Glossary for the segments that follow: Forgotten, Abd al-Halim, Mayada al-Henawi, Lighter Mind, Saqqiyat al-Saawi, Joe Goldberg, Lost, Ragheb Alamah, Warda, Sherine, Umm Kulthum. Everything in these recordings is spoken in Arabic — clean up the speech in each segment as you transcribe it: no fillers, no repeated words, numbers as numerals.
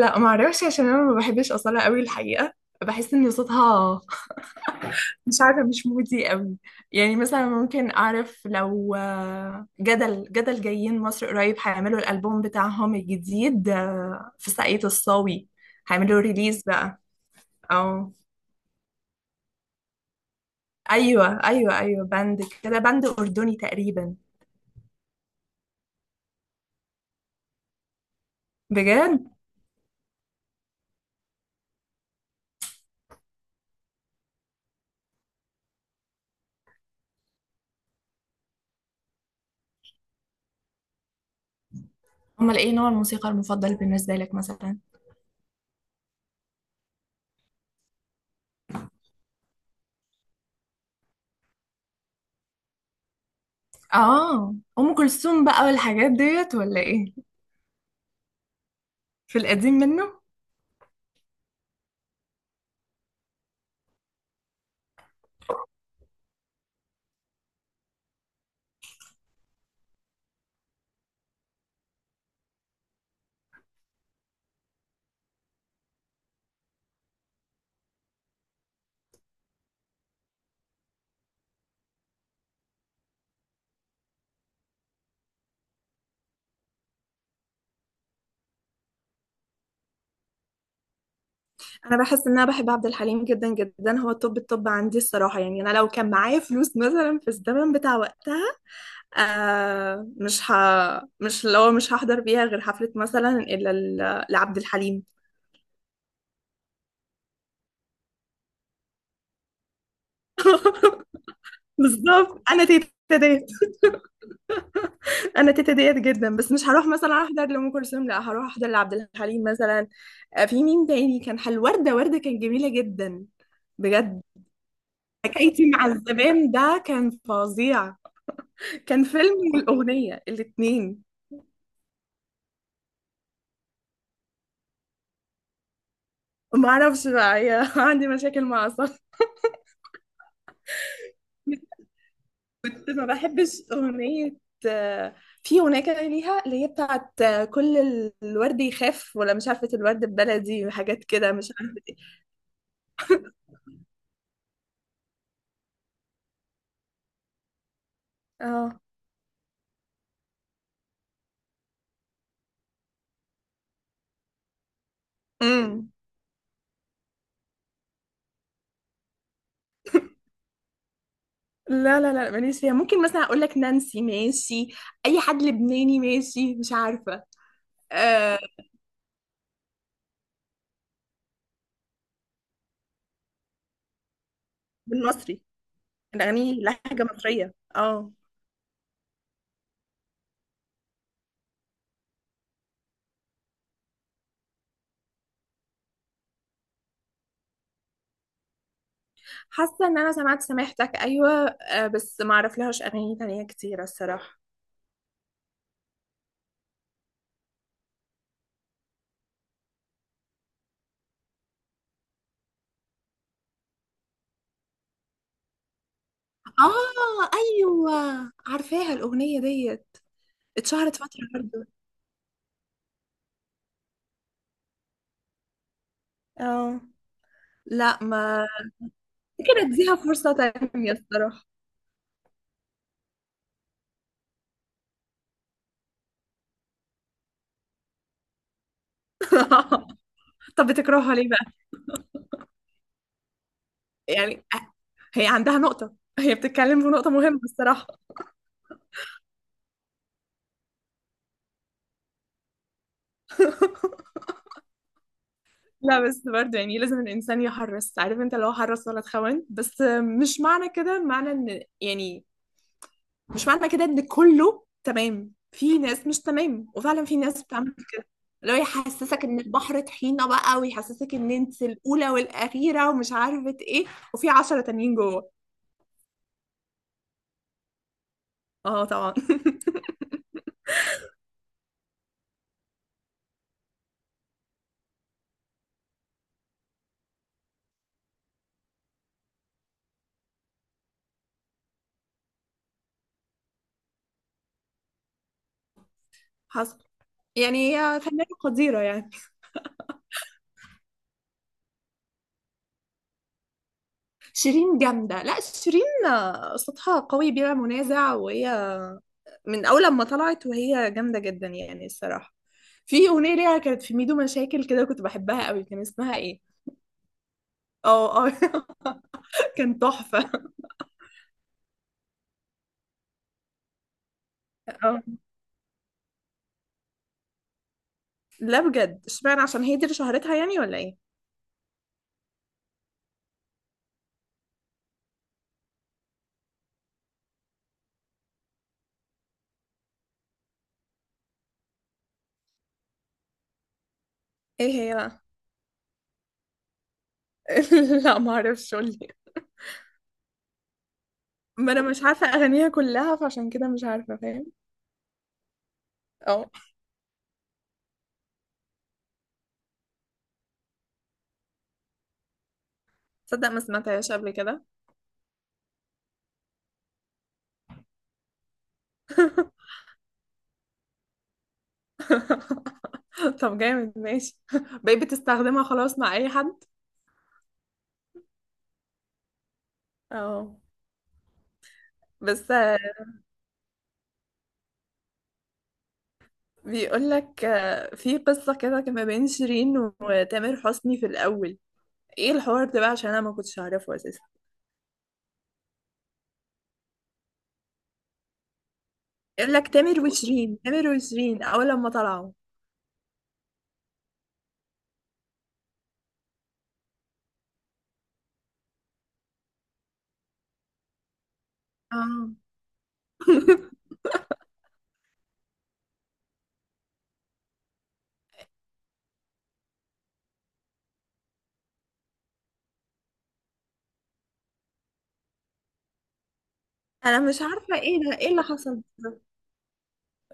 لا، ما اعرفش عشان انا ما بحبش اصاله قوي الحقيقه. بحس ان صوتها مش عارفه، مش مودي قوي. يعني مثلا ممكن اعرف لو جدل جايين مصر قريب، هيعملوا الالبوم بتاعهم الجديد في ساقية الصاوي، هيعملوا ريليز بقى. او ايوه ايوه ايوه، باند كده، باند اردني تقريبا. بجد. امال ايه نوع الموسيقى المفضل بالنسبه لك مثلا؟ اه، ام كلثوم بقى والحاجات ديت ولا ايه؟ في القديم منه. انا بحس ان انا بحب عبد الحليم جدا جدا، هو التوب التوب عندي الصراحه. يعني انا لو كان معايا فلوس مثلا في الزمن بتاع وقتها، آه مش ه... مش لو مش هحضر بيها غير حفله مثلا الا لعبد الحليم. بالظبط، ديت انا تيتا ديت جدا، بس مش هروح مثلا احضر لام كلثوم، لا هروح احضر لعبد الحليم مثلا. في مين تاني كان حلو؟ ورده كانت جميله جدا. بجد، حكايتي مع الزمان ده كان فظيع، كان فيلم والاغنيه الاتنين. ما اعرفش بقى، هي عندي مشاكل مع اعصابي. كنت ما بحبش اغنيه، آه، في اغنيه كده ليها اللي هي بتاعت كل الورد يخاف، ولا مش عارفه، الورد ببلدي وحاجات كده، مش عارفه ايه. اه. امم. لا لا لا، ماليش فيها. ممكن مثلا اقول لك نانسي ماشي، اي حد لبناني ماشي، مش عارفه. آه. بالمصري. الاغاني لهجه مصريه. اه. حاسه ان انا سمعت سماحتك، ايوه، بس ما اعرف لهاش اغاني تانية كتيره الصراحه. اه، ايوه، عارفاها الاغنيه ديت، اتشهرت فتره برضه. اه. لا، ما كده، اديها فرصه تانية الصراحه. طب بتكرهها ليه بقى؟ يعني هي عندها نقطه، هي بتتكلم في نقطه مهمه الصراحه. لا، بس برضه يعني لازم الانسان يحرص، عارف انت، لو حرص ولا تخون. بس مش معنى كده، معنى ان يعني مش معنى كده ان كله تمام. في ناس مش تمام، وفعلا في ناس بتعمل كده، اللي هو يحسسك ان البحر طحينة بقى، ويحسسك ان انت الاولى والاخيرة ومش عارفة ايه، وفي عشرة تانيين جوه. اه طبعا. حصل. يعني هي فنانة قديرة يعني. شيرين جامدة. لا، شيرين صوتها قوي بلا منازع، وهي من أول لما طلعت وهي جامدة جدا يعني الصراحة. في أغنية ليها كانت في ميدو مشاكل كده، كنت بحبها قوي، كان اسمها ايه؟ اه، اه. كان تحفة. اه، لا، بجد، اشمعنى؟ عشان هي دي اللي شهرتها يعني ولا ايه؟ ايه هي بقى؟ لا، ما اعرفش، قولي. ما انا مش عارفه اغانيها كلها فعشان كده مش عارفه، فاهم. اه. تصدق ما سمعتهاش قبل كده. طب جامد، ماشي. بقيت بتستخدمها خلاص مع اي حد. اه. بس بيقول لك في قصه كده كان ما بين شيرين وتامر حسني في الاول. ايه الحوار ده بقى؟ عشان انا ما كنتش اعرفه اساسا. يقول لك تامر وشيرين، تامر وشيرين اول لما طلعوا. اه. انا مش عارفه ايه ده، ايه اللي حصل.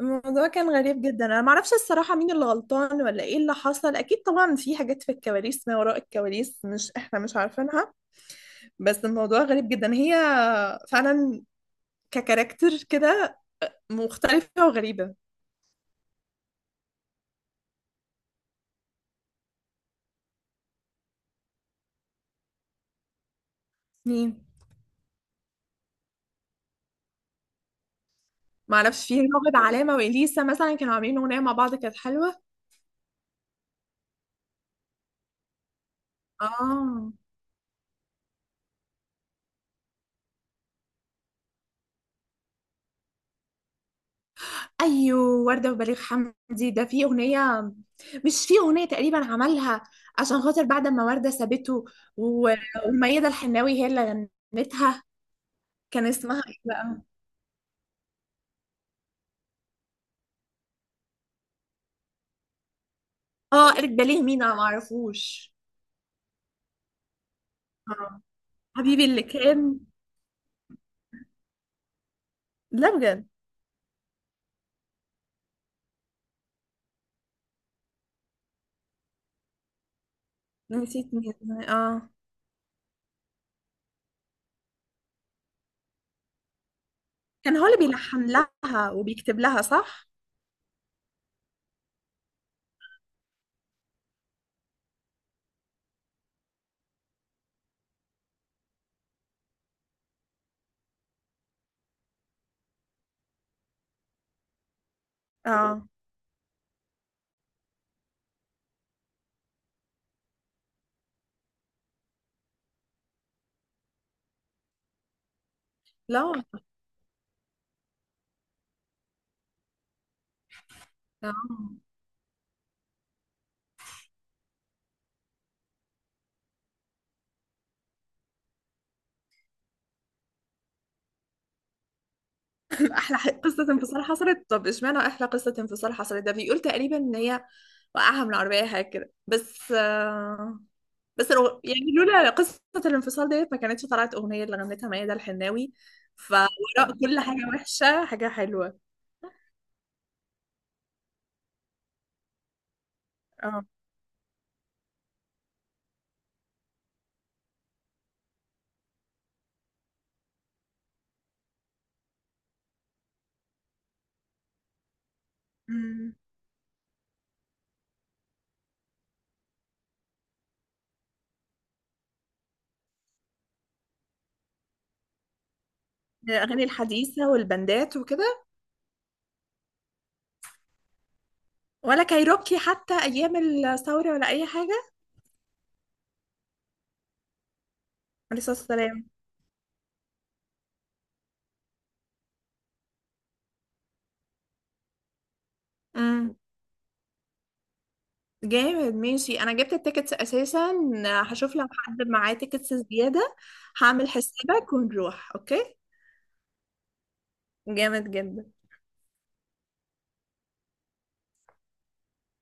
الموضوع كان غريب جدا، انا معرفش الصراحه مين اللي غلطان ولا ايه اللي حصل. اكيد طبعا في حاجات في الكواليس، ما وراء الكواليس مش احنا مش عارفينها. بس الموضوع غريب جدا، هي فعلا ككاركتر كده مختلفه وغريبه. مين؟ معرفش. في راغب علامه واليسا مثلا كانوا عاملين اغنيه مع بعض كانت حلوه. اه. ايوه، ورده وبليغ حمدي ده في اغنيه، مش في اغنيه تقريبا عملها عشان خاطر بعد ما ورده سابته. و- وميادة الحناوي هي اللي غنتها. كان اسمها ايه بقى؟ اه، قالت بليغ مين، انا معرفوش. اه، حبيبي اللي كان. لا، بجد، نسيت مين. اه. كان هو اللي بيلحن لها وبيكتب لها، صح. اه، لا، آه. احلى قصه انفصال حصلت؟ طب اشمعنى احلى قصه انفصال حصلت؟ ده بيقول تقريبا ان هي وقعها من العربيه حاجه كده. بس لو يعني لولا قصه الانفصال ديت ما كانتش طلعت اغنيه اللي غنتها ميادة الحناوي. فوراء كل حاجه وحشه حاجه حلوه. اه. أمم. الاغاني الحديثه والبندات وكده؟ ولا كايروكي حتى ايام الثوره ولا اي حاجه؟ عليه الصلاه والسلام. جامد، ماشي، انا جبت التيكتس اساسا. هشوف لو حد معاه تيكتس زيادة. هعمل حسابك ونروح، اوكي. جامد جدا.